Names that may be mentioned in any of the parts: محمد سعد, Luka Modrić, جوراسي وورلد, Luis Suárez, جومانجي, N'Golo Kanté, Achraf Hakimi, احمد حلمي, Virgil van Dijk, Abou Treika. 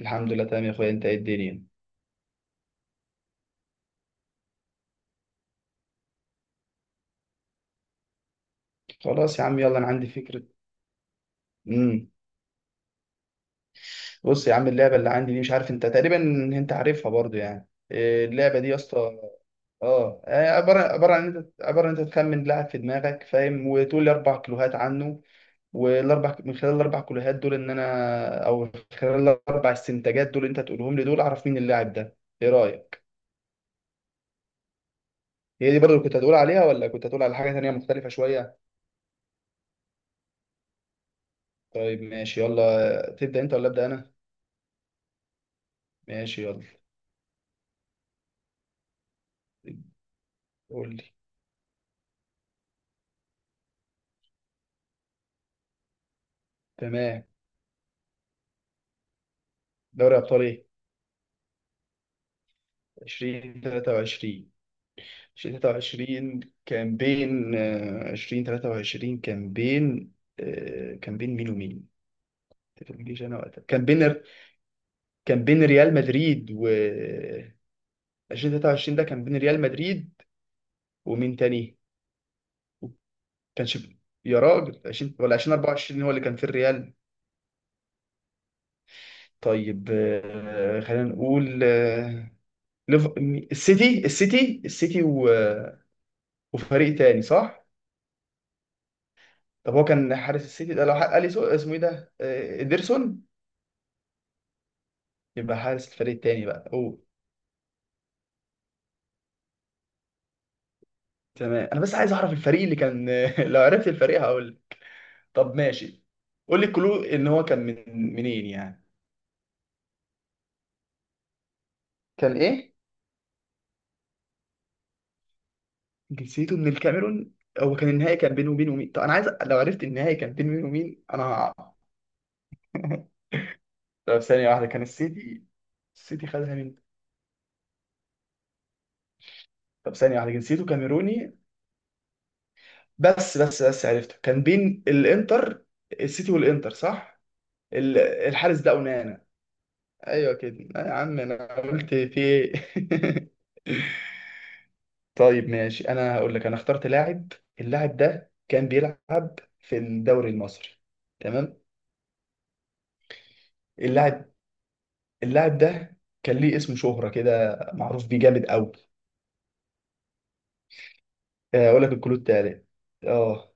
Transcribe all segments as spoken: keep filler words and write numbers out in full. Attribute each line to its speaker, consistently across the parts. Speaker 1: الحمد لله تمام يا اخويا، انت ايه الدنيا؟ خلاص يا عم يلا، انا عندي فكره. امم بص يا عم، اللعبه اللي عندي دي مش عارف انت تقريبا انت عارفها برضو، يعني إيه، اللعبه دي يا اسطى. اه آه، عباره عباره عن انت عباره عن انت تخمن لاعب في دماغك، فاهم؟ وتقول لي اربع كلوهات عنه، والاربع من خلال الاربع كلوهات دول ان انا، او من خلال الاربع استنتاجات دول انت تقولهم لي دول، اعرف مين اللاعب ده. ايه رايك؟ هي دي برضو اللي كنت هتقول عليها، ولا كنت هتقول على حاجه تانيه مختلفه شويه؟ طيب ماشي، يلا تبدا انت ولا ابدا انا؟ ماشي يلا. قول لي. تمام. دوري ابطال ايه؟ ألفين وثلاثة وعشرين. ألفين وثلاثة وعشرين كان بين آه، ألفين وثلاثة وعشرين كان بين آه، كان بين مين ومين؟ تفكرنيش، انا وقتها كان بين، كان بين ريال مدريد و ألفين وثلاثة وعشرين ده كان بين ريال مدريد ومين تاني؟ كانش. يا راجل، عشرين ولا ألفين وأربعة وعشرين هو اللي كان في الريال؟ طيب آه، خلينا نقول آه، ليف- السيتي السيتي السيتي و... آه، وفريق تاني، صح؟ طب هو كان حارس السيتي ده لو حق اليسو، اسمه ايه ده؟ آه، ادرسون. يبقى حارس الفريق التاني بقى، اوه. تمام، انا بس عايز اعرف الفريق اللي كان لو عرفت الفريق هقول لك. طب ماشي، قول لي كلو ان هو كان من منين يعني. كان ايه؟ جنسيته من الكاميرون. هو كان النهائي كان بينه وبين مين؟ طب انا عايز، لو عرفت النهائي كان بينه وبين مين انا هقع. طب ثانية واحدة، كان السيتي، السيتي خدها من، طب ثانية واحدة، جنسيته كاميروني. بس بس بس عرفته، كان بين الانتر، السيتي والانتر صح؟ ال- الحارس ده اونانا. ايوه كده. لا يا عم، انا قلت في ايه. طيب ماشي، انا هقول لك، انا اخترت لاعب. اللاعب ده كان بيلعب في الدوري المصري، تمام؟ اللاعب اللاعب ده كان ليه اسم شهرة كده، معروف بيه جامد قوي. اقول لك الكلود التالت. اه،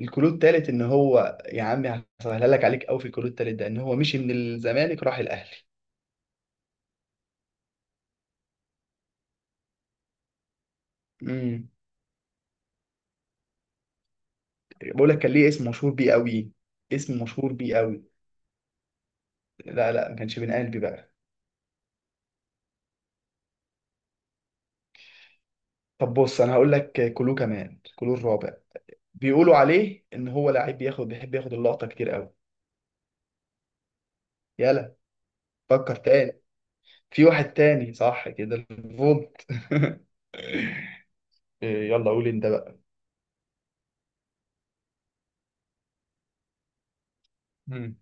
Speaker 1: الكلود التالت ان هو، يا عمي هسهلها لك، عليك قوي في الكلود التالت ده، ان هو مشي من الزمالك راح الاهلي. امم. بقول لك كان ليه اسم مشهور بيه قوي. اسم مشهور بيه قوي. لا لا، ما كانش بين قلبي بقى. طب بص، انا هقول لك كلو كمان، كلو الرابع. بيقولوا عليه ان هو لعيب بياخد، بيحب ياخد اللقطه كتير قوي. يلا. فكر تاني، في واحد تاني صح كده، الفولت. إيه، يلا قول انت بقى. مم.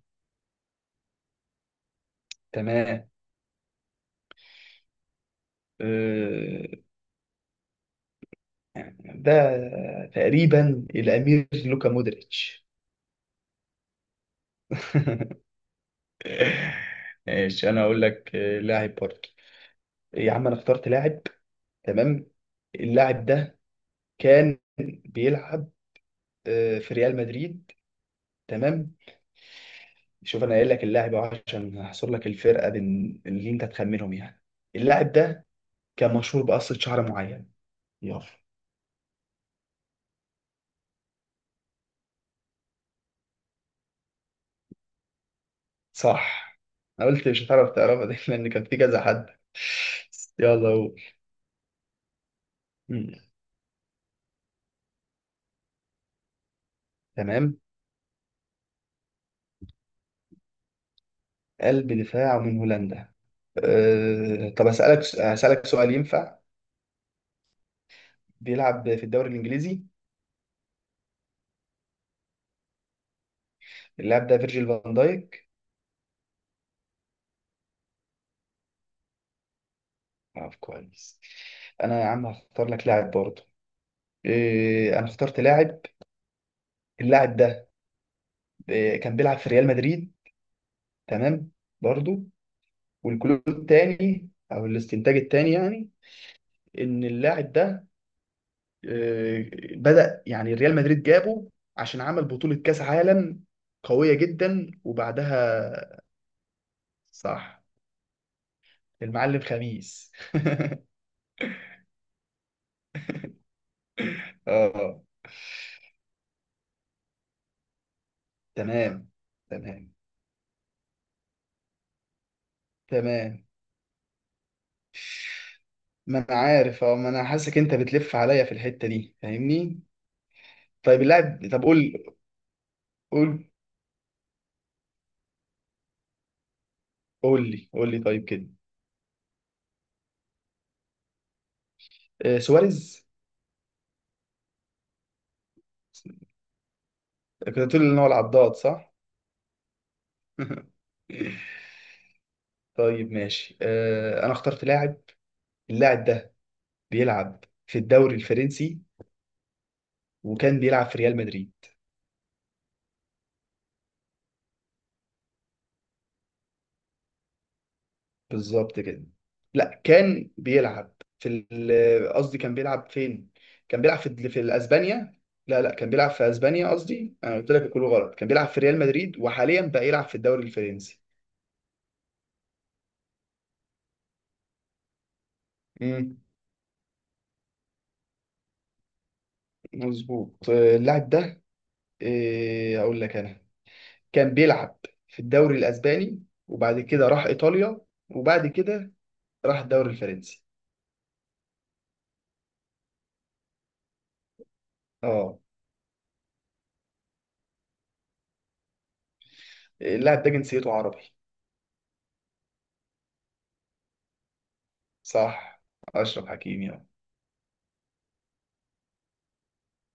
Speaker 1: تمام. إيه، ده تقريبا الامير لوكا مودريتش. ماشي، انا اقول لك إيه، لاعب برضه. يا عم انا اخترت لاعب، تمام؟ اللاعب ده كان بيلعب آه، في ريال مدريد، تمام؟ شوف، انا قايل لك اللاعب أهو عشان احصر لك الفرقه بين اللي انت تخمنهم يعني. اللاعب ده كان مشهور بقصه شعر معين. يلا. صح. انا قلت مش هتعرف تعرفها دي لان كان في كذا حد. يلا هو. مم. تمام. قلب دفاع من هولندا. أه... طب اسالك اسالك سؤال ينفع؟ بيلعب في الدوري الانجليزي؟ اللاعب ده فيرجيل فان دايك. طب كويس. انا يا عم هختار لك لاعب برضه. إيه انا اخترت لاعب. اللاعب ده آه، كان بيلعب في ريال مدريد، تمام؟ برضو. والكلو التاني او الاستنتاج التاني يعني، ان اللاعب ده آه، بدأ يعني ريال مدريد جابه عشان عمل بطولة كأس عالم قوية جدا وبعدها. صح، المعلم خميس. اه. تمام. تمام. تمام. ما انا عارف، اه ما انا حاسك انت بتلف عليا في الحتة دي، فاهمني؟ طيب اللاعب، طب قول. قول قول لي قول لي طيب كده. آه، سواريز. كنت هتقول ان هو العضاد صح؟ طيب ماشي. آه، انا اخترت لاعب. اللاعب ده بيلعب في الدوري الفرنسي وكان بيلعب في ريال مدريد. بالظبط كده. لا كان بيلعب في ال- قصدي كان بيلعب فين؟ كان بيلعب في في اسبانيا. لا لا، كان بيلعب في اسبانيا قصدي، انا قلت لك كله غلط. كان بيلعب في ريال مدريد وحاليا بقى يلعب في الدوري الفرنسي. امم، مظبوط. آه، اللاعب ده آه، اقول لك انا. كان بيلعب في الدوري الاسباني وبعد كده راح ايطاليا، وبعد كده راح الدوري الفرنسي. اه. اللاعب ده جنسيته عربي. صح، اشرف حكيمي اه.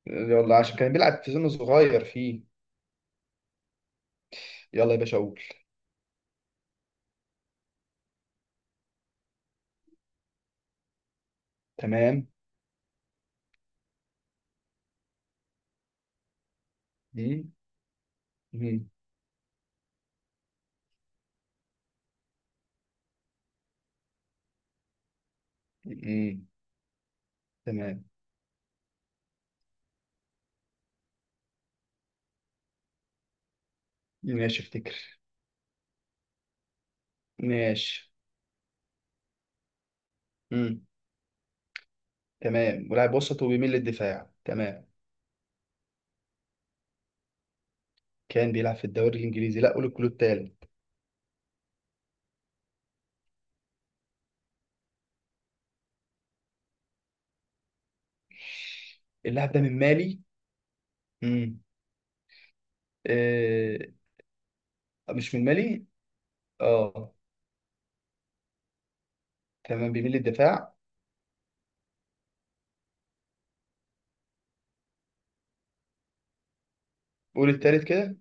Speaker 1: يلا، عشان كان بيلعب في سن صغير فيه. يلا يا باشا اقول. تمام. مم. مم. مم. تمام. ماشي افتكر. ماشي. مم. تمام، ولاعب وسط وبيميل للدفاع، تمام. كان بيلعب في الدوري الانجليزي. لا، قول الكلود التالت. اللاعب ده من مالي؟ مم. آه، مش من مالي، اه. تمام، بيميل للدفاع. قول التالت كده.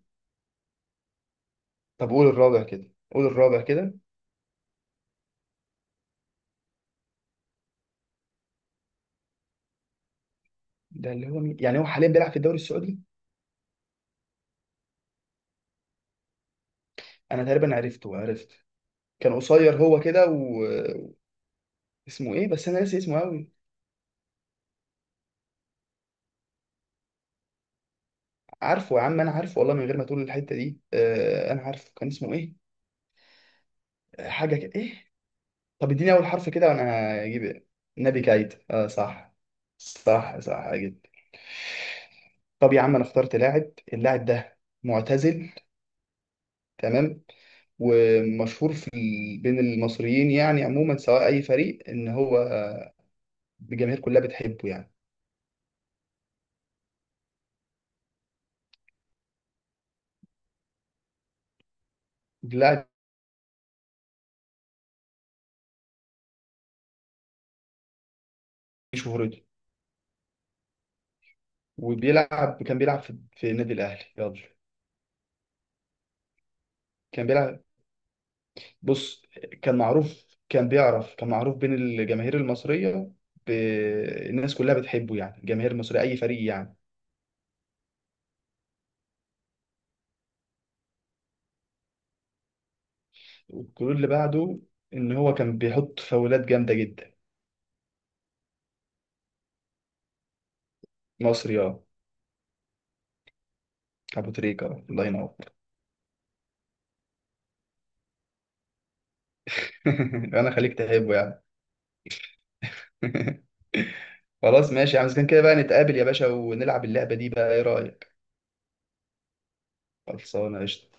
Speaker 1: طب قول الرابع كده، قول الرابع كده. ده اللي هو مين يعني، هو حاليا بيلعب في الدوري السعودي؟ انا تقريبا عرفته، عرفت. كان قصير هو كده. واسمه ايه؟ بس انا ناسي اسمه قوي. عارفه يا عم، انا عارفه والله من غير ما تقول الحتة دي. آه انا عارفه، كان اسمه ايه؟ آه، حاجة كده ايه. طب اديني اول حرف كده وانا هجيب. نبي كايت، اه صح. صح، صح جدا. طب يا عم انا اخترت لاعب. اللاعب ده معتزل، تمام؟ ومشهور في ال... بين المصريين يعني عموما، سواء اي فريق، ان هو الجماهير كلها بتحبه يعني. اللاعب دي شهرته، وبيلعب كان بيلعب في, في النادي الاهلي. يلا. كان بيلعب. بص، كان معروف كان بيعرف كان معروف بين الجماهير المصريه ب... الناس كلها بتحبه يعني، الجماهير المصريه اي فريق يعني. والجول اللي بعده، ان هو كان بيحط فاولات جامده جدا. مصري اه. ابو تريكه آه، الله ينور. انا خليك تحبه يعني. خلاص ماشي يا عم، إذا كان كده بقى نتقابل يا باشا ونلعب اللعبة دي بقى، ايه رأيك؟ خلصانة قشطة.